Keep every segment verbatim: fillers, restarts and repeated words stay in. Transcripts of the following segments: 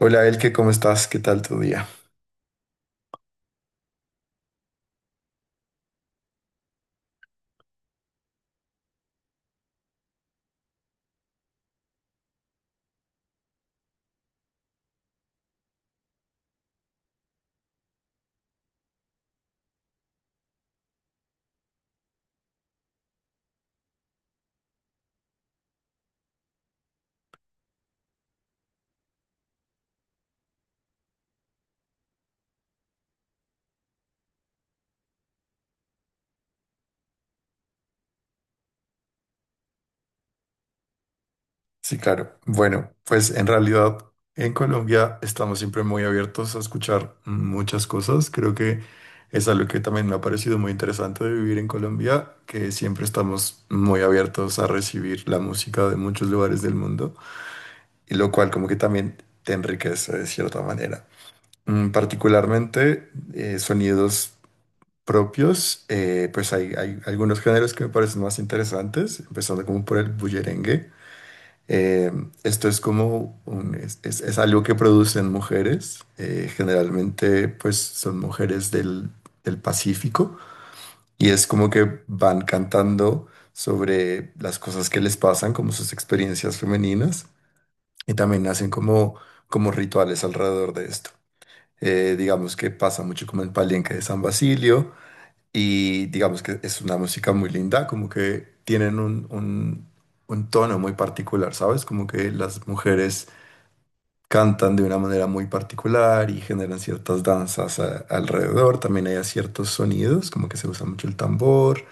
Hola Elke, ¿cómo estás? ¿Qué tal tu día? Sí, claro. Bueno, pues en realidad en Colombia estamos siempre muy abiertos a escuchar muchas cosas. Creo que es algo que también me ha parecido muy interesante de vivir en Colombia, que siempre estamos muy abiertos a recibir la música de muchos lugares del mundo, y lo cual como que también te enriquece de cierta manera. Mm, Particularmente eh, sonidos propios, eh, pues hay, hay algunos géneros que me parecen más interesantes, empezando como por el bullerengue. Eh, esto es como un- es, es- es algo que producen mujeres, eh, generalmente pues son mujeres del, del Pacífico y es como que van cantando sobre las cosas que les pasan, como sus experiencias femeninas y también hacen como, como rituales alrededor de esto. Eh, digamos que pasa mucho como el palenque de San Basilio y digamos que es una música muy linda, como que tienen un, un- un tono muy particular, ¿sabes? Como que las mujeres cantan de una manera muy particular y generan ciertas danzas a- alrededor. También hay ciertos sonidos, como que se usa mucho el tambor.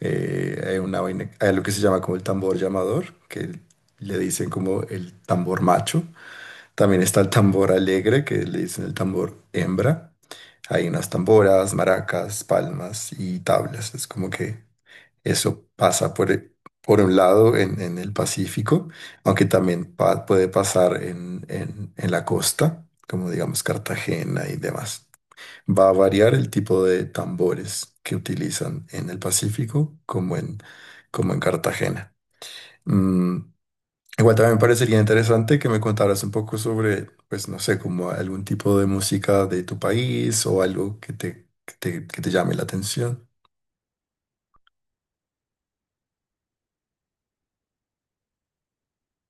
eh, Hay una vaina, hay lo que se llama como el tambor llamador, que le dicen como el tambor macho. También está el tambor alegre, que le dicen el tambor hembra. Hay unas tamboras, maracas, palmas y tablas. Es como que eso pasa por, e- por un lado en, en el Pacífico, aunque también pa- puede pasar en, en- en la costa, como digamos Cartagena y demás. Va a variar el tipo de tambores que utilizan en el Pacífico como en, como en Cartagena. Mm, Igual también me parecería interesante que me contaras un poco sobre, pues no sé, como algún tipo de música de tu país o algo que te, que te, que te llame la atención.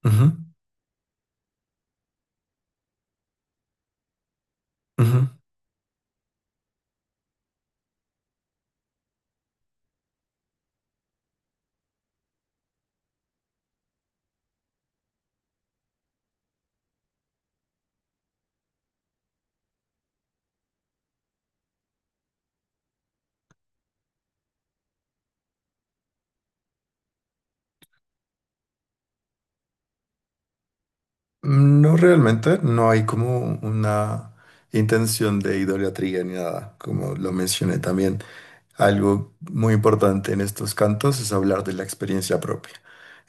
Ujú, ujú. No realmente, no hay como una intención de idolatría ni nada, como lo mencioné también. Algo muy importante en estos cantos es hablar de la experiencia propia.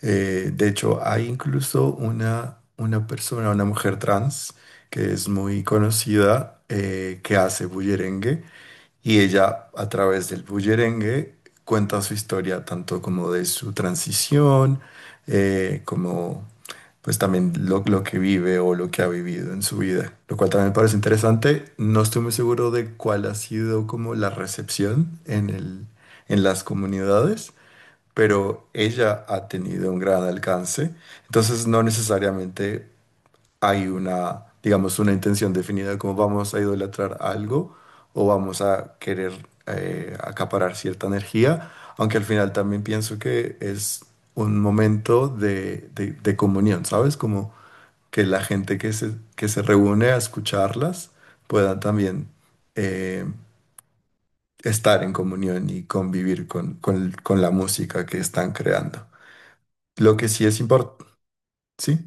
Eh, de hecho, hay incluso una, una persona, una mujer trans, que es muy conocida, eh, que hace bullerengue y ella, a través del bullerengue, cuenta su historia, tanto como de su transición, eh, como pues también lo, lo que vive o lo que ha vivido en su vida, lo cual también me parece interesante. No estoy muy seguro de cuál ha sido como la recepción en el, en las comunidades, pero ella ha tenido un gran alcance. Entonces, no necesariamente hay una, digamos, una intención definida de cómo vamos a idolatrar algo o vamos a querer eh, acaparar cierta energía, aunque al final también pienso que es un momento de, de- de comunión, ¿sabes? Como que la gente que se, que se reúne a escucharlas pueda también eh, estar en comunión y convivir con, con, con la música que están creando. Lo que sí es importante, sí,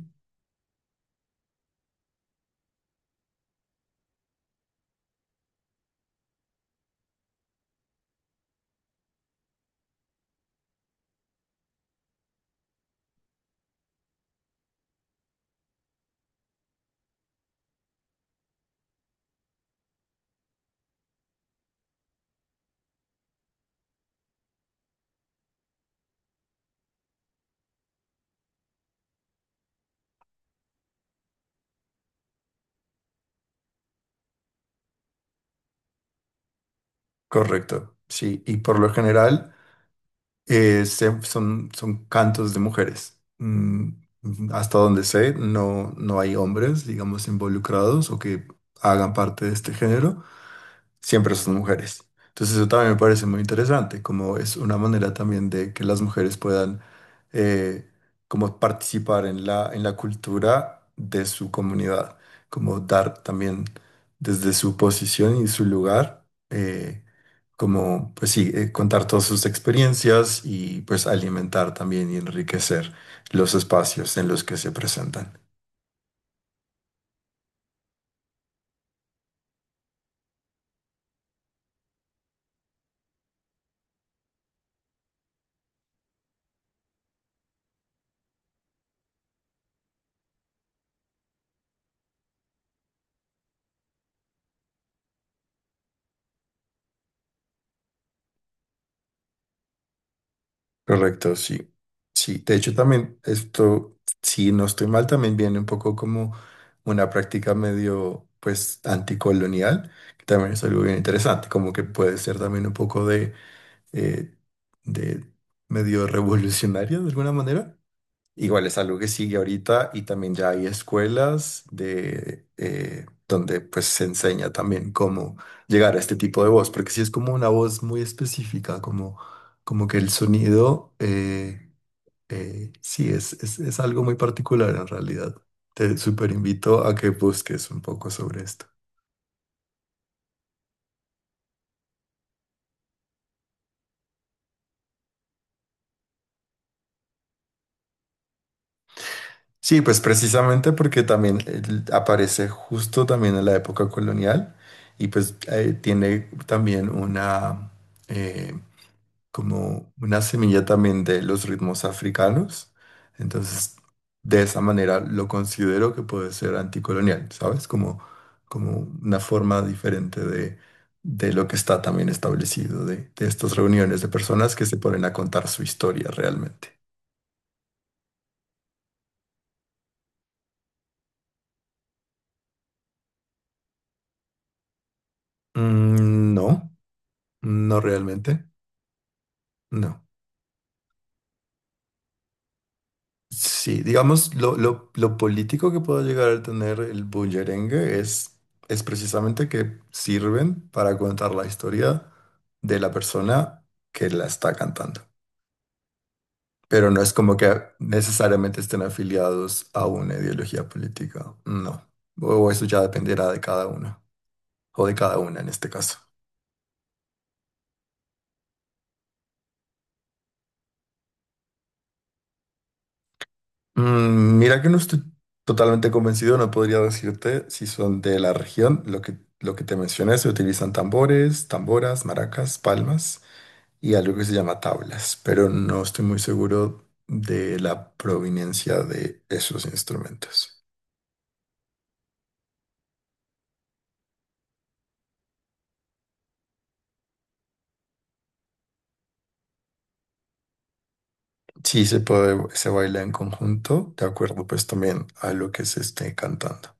correcto, sí, y por lo general... Eh, se- son, son cantos de mujeres. Mm, mm, hasta donde sé, no, no hay hombres, digamos, involucrados o que hagan parte de este género siempre son mujeres. Entonces eso también me parece muy interesante, como es una manera también de que las mujeres puedan eh, como participar en la, en la cultura de su comunidad, como dar también desde su posición y su lugar, eh, como pues sí, eh, contar todas sus experiencias y pues alimentar también y enriquecer los espacios en los que se presentan. Correcto, sí. Sí, de hecho también esto, si no estoy mal, también viene un poco como una práctica medio, pues, anticolonial, que también es algo bien interesante, como que puede ser también un poco de, eh, de medio revolucionario de alguna manera. Igual es algo que sigue ahorita y también ya hay escuelas de, eh, donde pues se enseña también cómo llegar a este tipo de voz, porque si es como una voz muy específica, como, como que el sonido, eh, eh, sí, es, es, es algo muy particular en realidad. Te súper invito a que busques un poco sobre esto. Sí, pues precisamente porque también el- aparece justo también en la época colonial y pues eh, tiene también una... eh, como una semilla también de los ritmos africanos. Entonces, de esa manera lo considero que puede ser anticolonial, ¿sabes? Como, como una forma diferente de, de lo que está también establecido, de, de estas reuniones de personas que se ponen a contar su historia realmente. Mm, no, no realmente, no. Sí, digamos, lo, lo, lo político que puede llegar a tener el bullerengue es, es precisamente que sirven para contar la historia de la persona que la está cantando. Pero no es como que necesariamente estén afiliados a una ideología política, no. O eso ya dependerá de cada uno, o de cada una en este caso. Mm, mira que no estoy totalmente convencido, no podría decirte si son de la región. Lo que, lo que te mencioné, se utilizan tambores, tamboras, maracas, palmas y algo que se llama tablas, pero no estoy muy seguro de la proveniencia de esos instrumentos. Sí se puede, se baila en conjunto, de acuerdo pues también a lo que se esté cantando.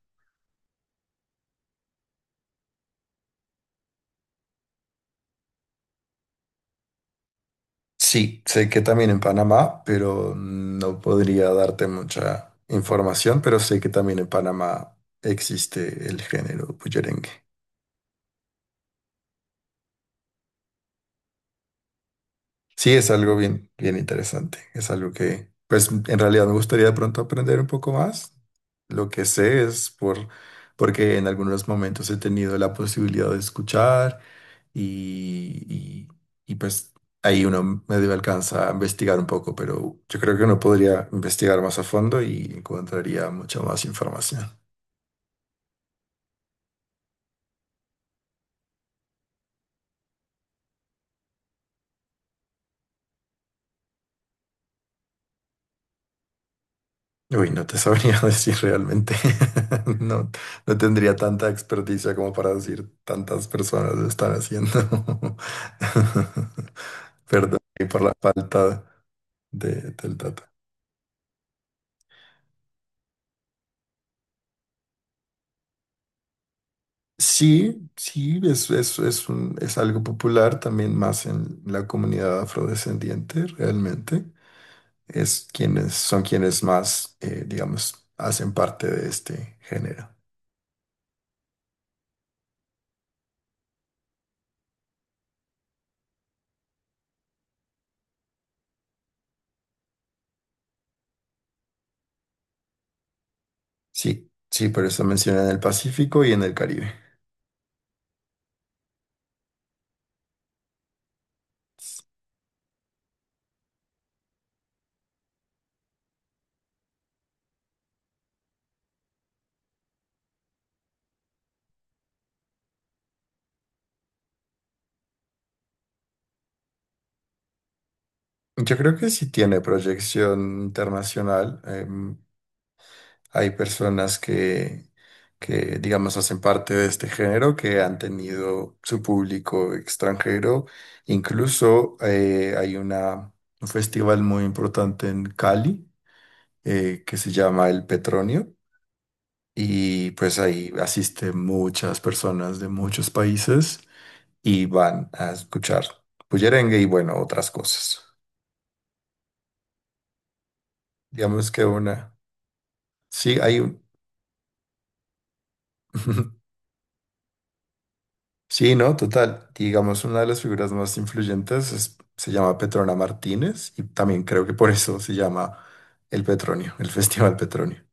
Sí, sé que también en Panamá, pero no podría darte mucha información, pero sé que también en Panamá existe el género bullerengue. Sí, es algo bien, bien interesante. Es algo que, pues, en realidad me gustaría de pronto aprender un poco más. Lo que sé es por, porque en algunos momentos he tenido la posibilidad de escuchar y, y- y, pues ahí uno medio alcanza a investigar un poco, pero yo creo que uno podría investigar más a fondo y encontraría mucha más información. Uy, no te sabría decir realmente. No, no tendría tanta experticia como para decir tantas personas lo están haciendo. Perdón ahí por la falta de, del dato. Sí, sí, es, es, es, un- es algo popular también más en la comunidad afrodescendiente, realmente. Es quienes, son quienes más, eh, digamos, hacen parte de este género. Sí, sí, por eso mencioné en el Pacífico y en el Caribe. Yo creo que sí tiene proyección internacional. Em, hay personas que, que, digamos, hacen parte de este género, que han tenido su público extranjero. Incluso eh, hay una, un festival muy importante en Cali eh, que se llama El Petronio. Y pues ahí asisten muchas personas de muchos países y van a escuchar bullerengue y bueno, otras cosas. Digamos que una... Sí, hay un... Ujú. Sí, no, total. Digamos, una de las figuras más influyentes es- se llama Petrona Martínez y también creo que por eso se llama el Petronio, el Festival Petronio.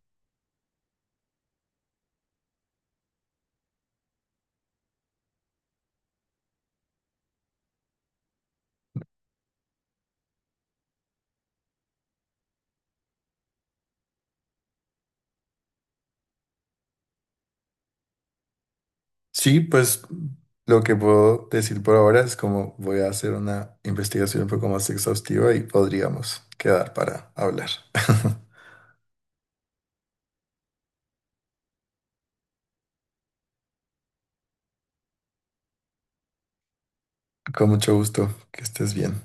Sí, pues lo que puedo decir por ahora es como voy a hacer una investigación un poco más exhaustiva y podríamos quedar para hablar. Con mucho gusto, que estés bien.